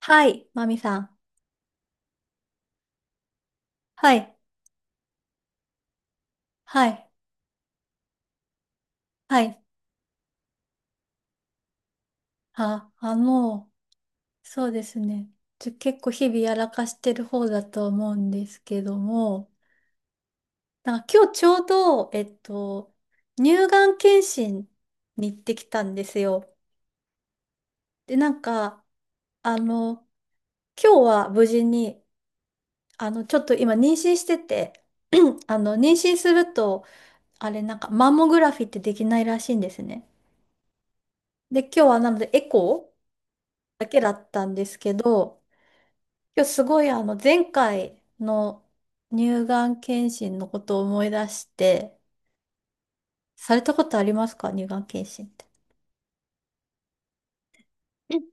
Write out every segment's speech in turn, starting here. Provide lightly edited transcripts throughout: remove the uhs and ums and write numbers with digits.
はい、マミさん。はい、はい、はい。あ、あの、そうですね。結構日々やらかしてる方だと思うんですけども、なんか今日ちょうど、乳がん検診に行ってきたんですよ。で、なんか、あの、今日は無事に、ちょっと今妊娠してて、妊娠すると、あれ、なんか、マンモグラフィーってできないらしいんですね。で、今日はなので、エコーだけだったんですけど、今日すごい前回の乳がん検診のことを思い出して、されたことありますか？乳がん検診って。うん。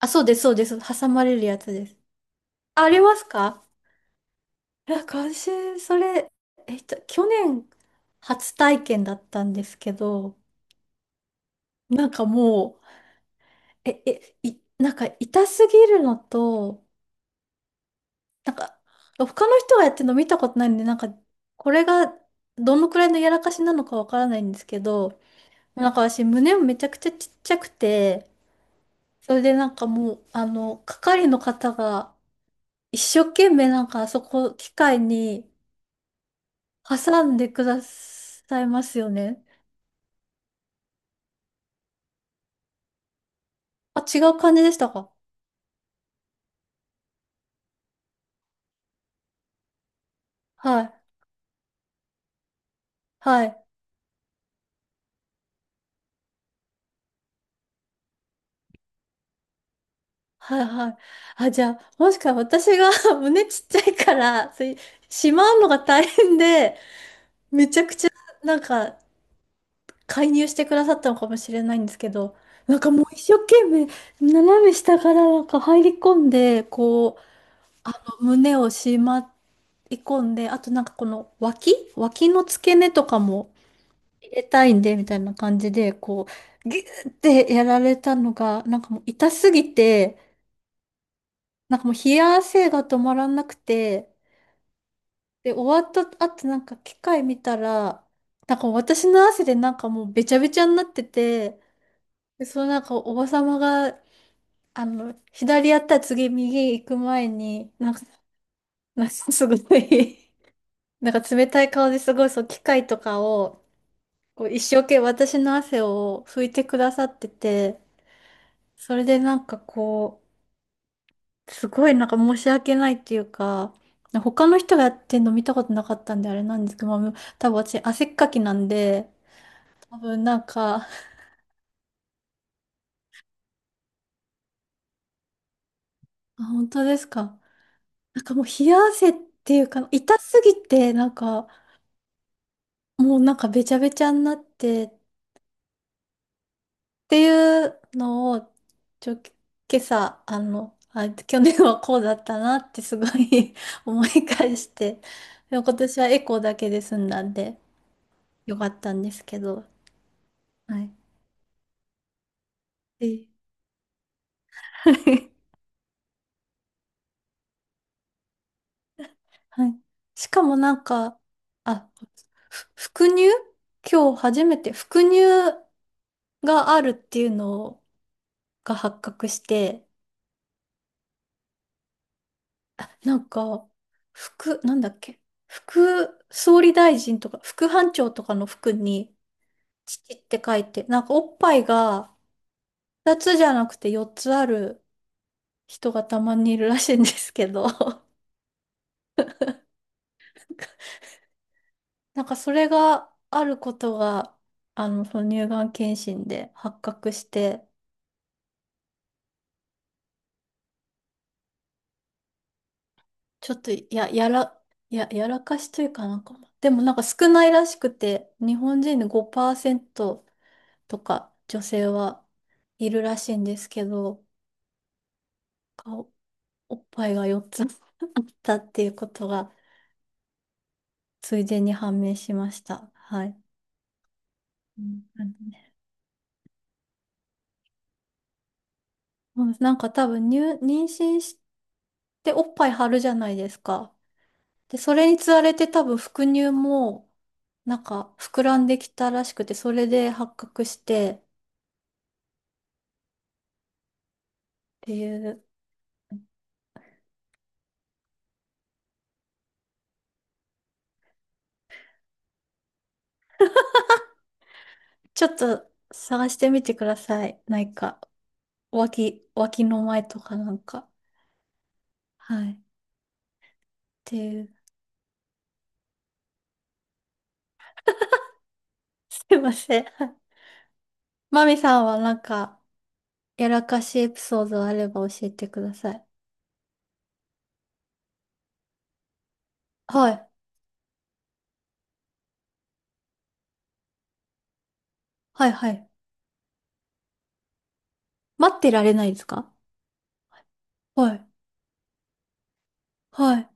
あ、そうです、そうです。挟まれるやつです。あ、ありますか？あ今週、それ、去年初体験だったんですけど、なんかもう、なんか痛すぎるのと、なんか、他の人がやってるの見たことないんで、なんか、これがどのくらいのやらかしなのかわからないんですけど、なんか私、胸もめちゃくちゃちっちゃくて、それでなんかもう、係の方が一生懸命なんかあそこ、機械に挟んでくださいますよね。あ、違う感じでしたか？はい、はい、はい、はい。あ、じゃあ、もしか私が 胸ちっちゃいから、そういうしまうのが大変で、めちゃくちゃ、なんか、介入してくださったのかもしれないんですけど、なんかもう一生懸命、斜め下からなんか入り込んで、こう、あ胸をしまい込んで、あとなんかこの脇、脇の付け根とかも入れたいんで、みたいな感じで、こう、ギューってやられたのが、なんかもう痛すぎて、なんかもう冷や汗が止まらなくて、で、終わった後なんか機械見たら、なんか私の汗でなんかもうべちゃべちゃになってて、で、そのなんかおばさまが、左やったら次右行く前に、なんか、なんかすごい なんか冷たい顔ですごい、そう、機械とかを、こう一生懸命私の汗を拭いてくださってて、それでなんかこう、すごいなんか申し訳ないっていうか、他の人がやってんの見たことなかったんであれなんですけど、まあ、多分私汗っかきなんで、多分なんか、あ、本当ですか？なんかもう冷や汗っていうか、痛すぎて、なんか、もうなんかべちゃべちゃになってっていうのを、今朝、去年はこうだったなってすごい 思い返して、でも今年はエコーだけで済んだんでよかったんですけど、はい。で はい。しかもなんか、あ、副乳、今日初めて副乳があるっていうのが発覚して、なんか、副、なんだっけ、副総理大臣とか、副班長とかの服に、父って書いて、なんかおっぱいが2つじゃなくて4つある人がたまにいるらしいんですけど、なんかそれがあることが、その乳がん検診で発覚して、ちょっとやらかしというかなんか、でもなんか少ないらしくて、日本人で5%とか女性はいるらしいんですけど、顔、おっぱいが4つ あったっていうことがついでに判明しました。はい。うん。なんでね、もうなんか多分妊娠しておっぱい張るじゃないですか。で、それにつられて多分副乳もなんか膨らんできたらしくて、それで発覚してっていう、ちょっと探してみてください。なんか、脇、脇の前とかなんか。はい。っていう。すいません。マミさんはなんか、やらかしエピソードあれば教えてください。はい。はい、はい。待ってられないですか？はい。はい。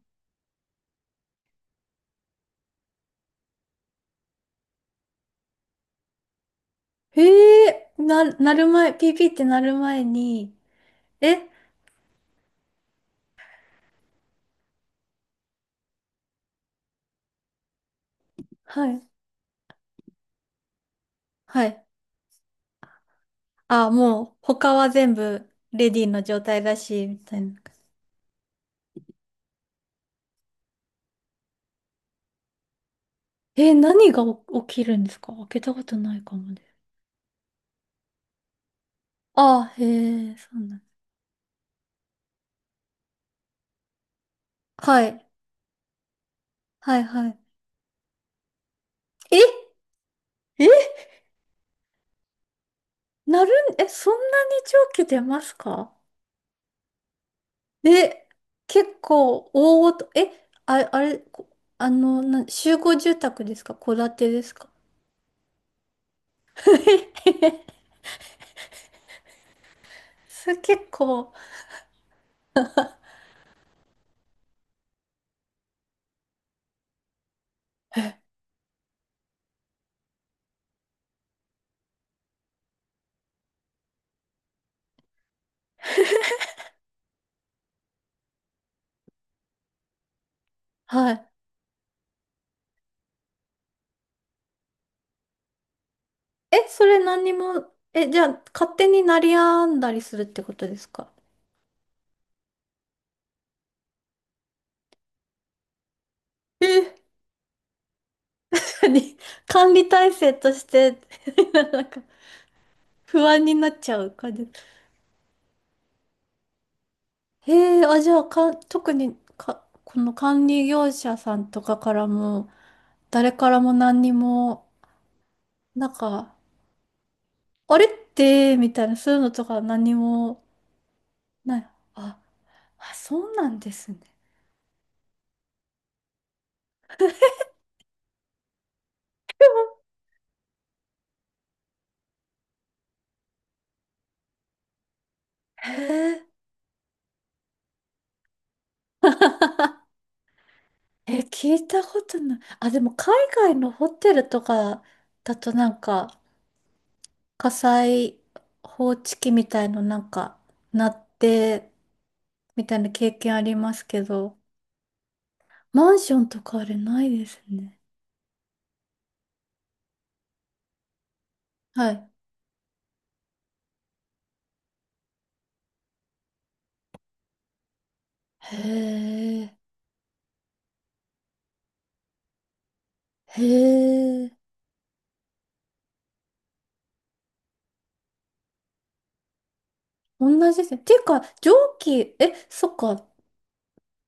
へえ、なる前、PP ってなる前に、えはい。はい。あ、もう、他は全部、レディーの状態だし、みたいな。え、何がお起きるんですか？開けたことないかもです。あ、へえ、そうなん。はい。はい、はい。ええ、なるん、え、そんなに長期出ますか？え、結構大ごと、え、あ、あれ、こあの、集合住宅ですか？戸建てですか？ それ結構、え、はい。え、それ何にも、え、じゃあ、勝手になりやんだりするってことですか？え、何、管理体制として なんか、不安になっちゃう感じ。へえ、あ、じゃあ、特に、この管理業者さんとかからも、誰からも何にも、なんか、あれってみたいな、そういうのとか何もない。あ、あ、そうなんですね。へえ。え、聞いたことない。あ、でも海外のホテルとかだとなんか火災報知器みたいのなんか鳴ってみたいな経験ありますけど、マンションとかあれないですね。はい。へえ。へえ。同じですね。っていうか、蒸気、そっか。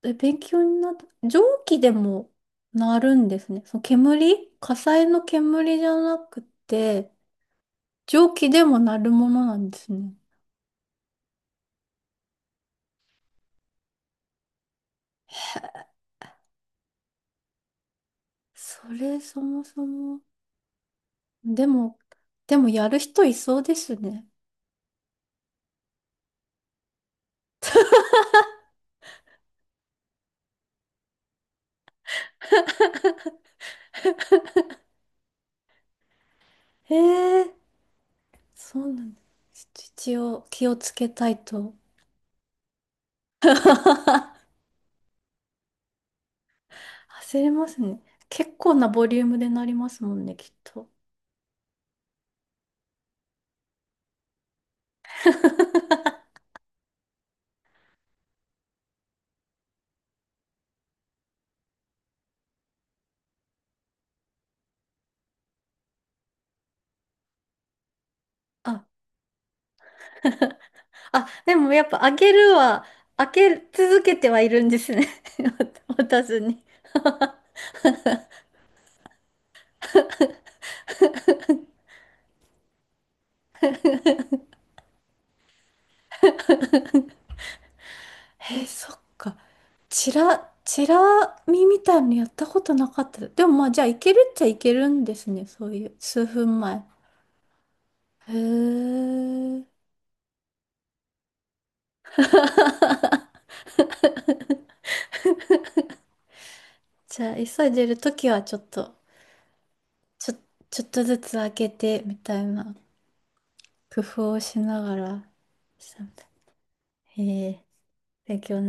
え、勉強になった。蒸気でもなるんですね。その煙、火災の煙じゃなくて、蒸気でもなるものなんですね。それそもそも。でも、でもやる人いそうですね。へえ、そうなんだ。一応気をつけたいと。焦りますね。結構なボリュームでなりますもんね、きっと。ああ、でもやっぱ開け続けてはいるんですね。渡渡すに。えー、そっか。チラ見みたいのやったことなかった。でもまあじゃあいけるっちゃいけるんですね。そういう数分前。へえ。じゃあ急いでるときはちょっと、ちょ、ちょっとずつ開けてみたいな工夫をしながら。へえ。勉強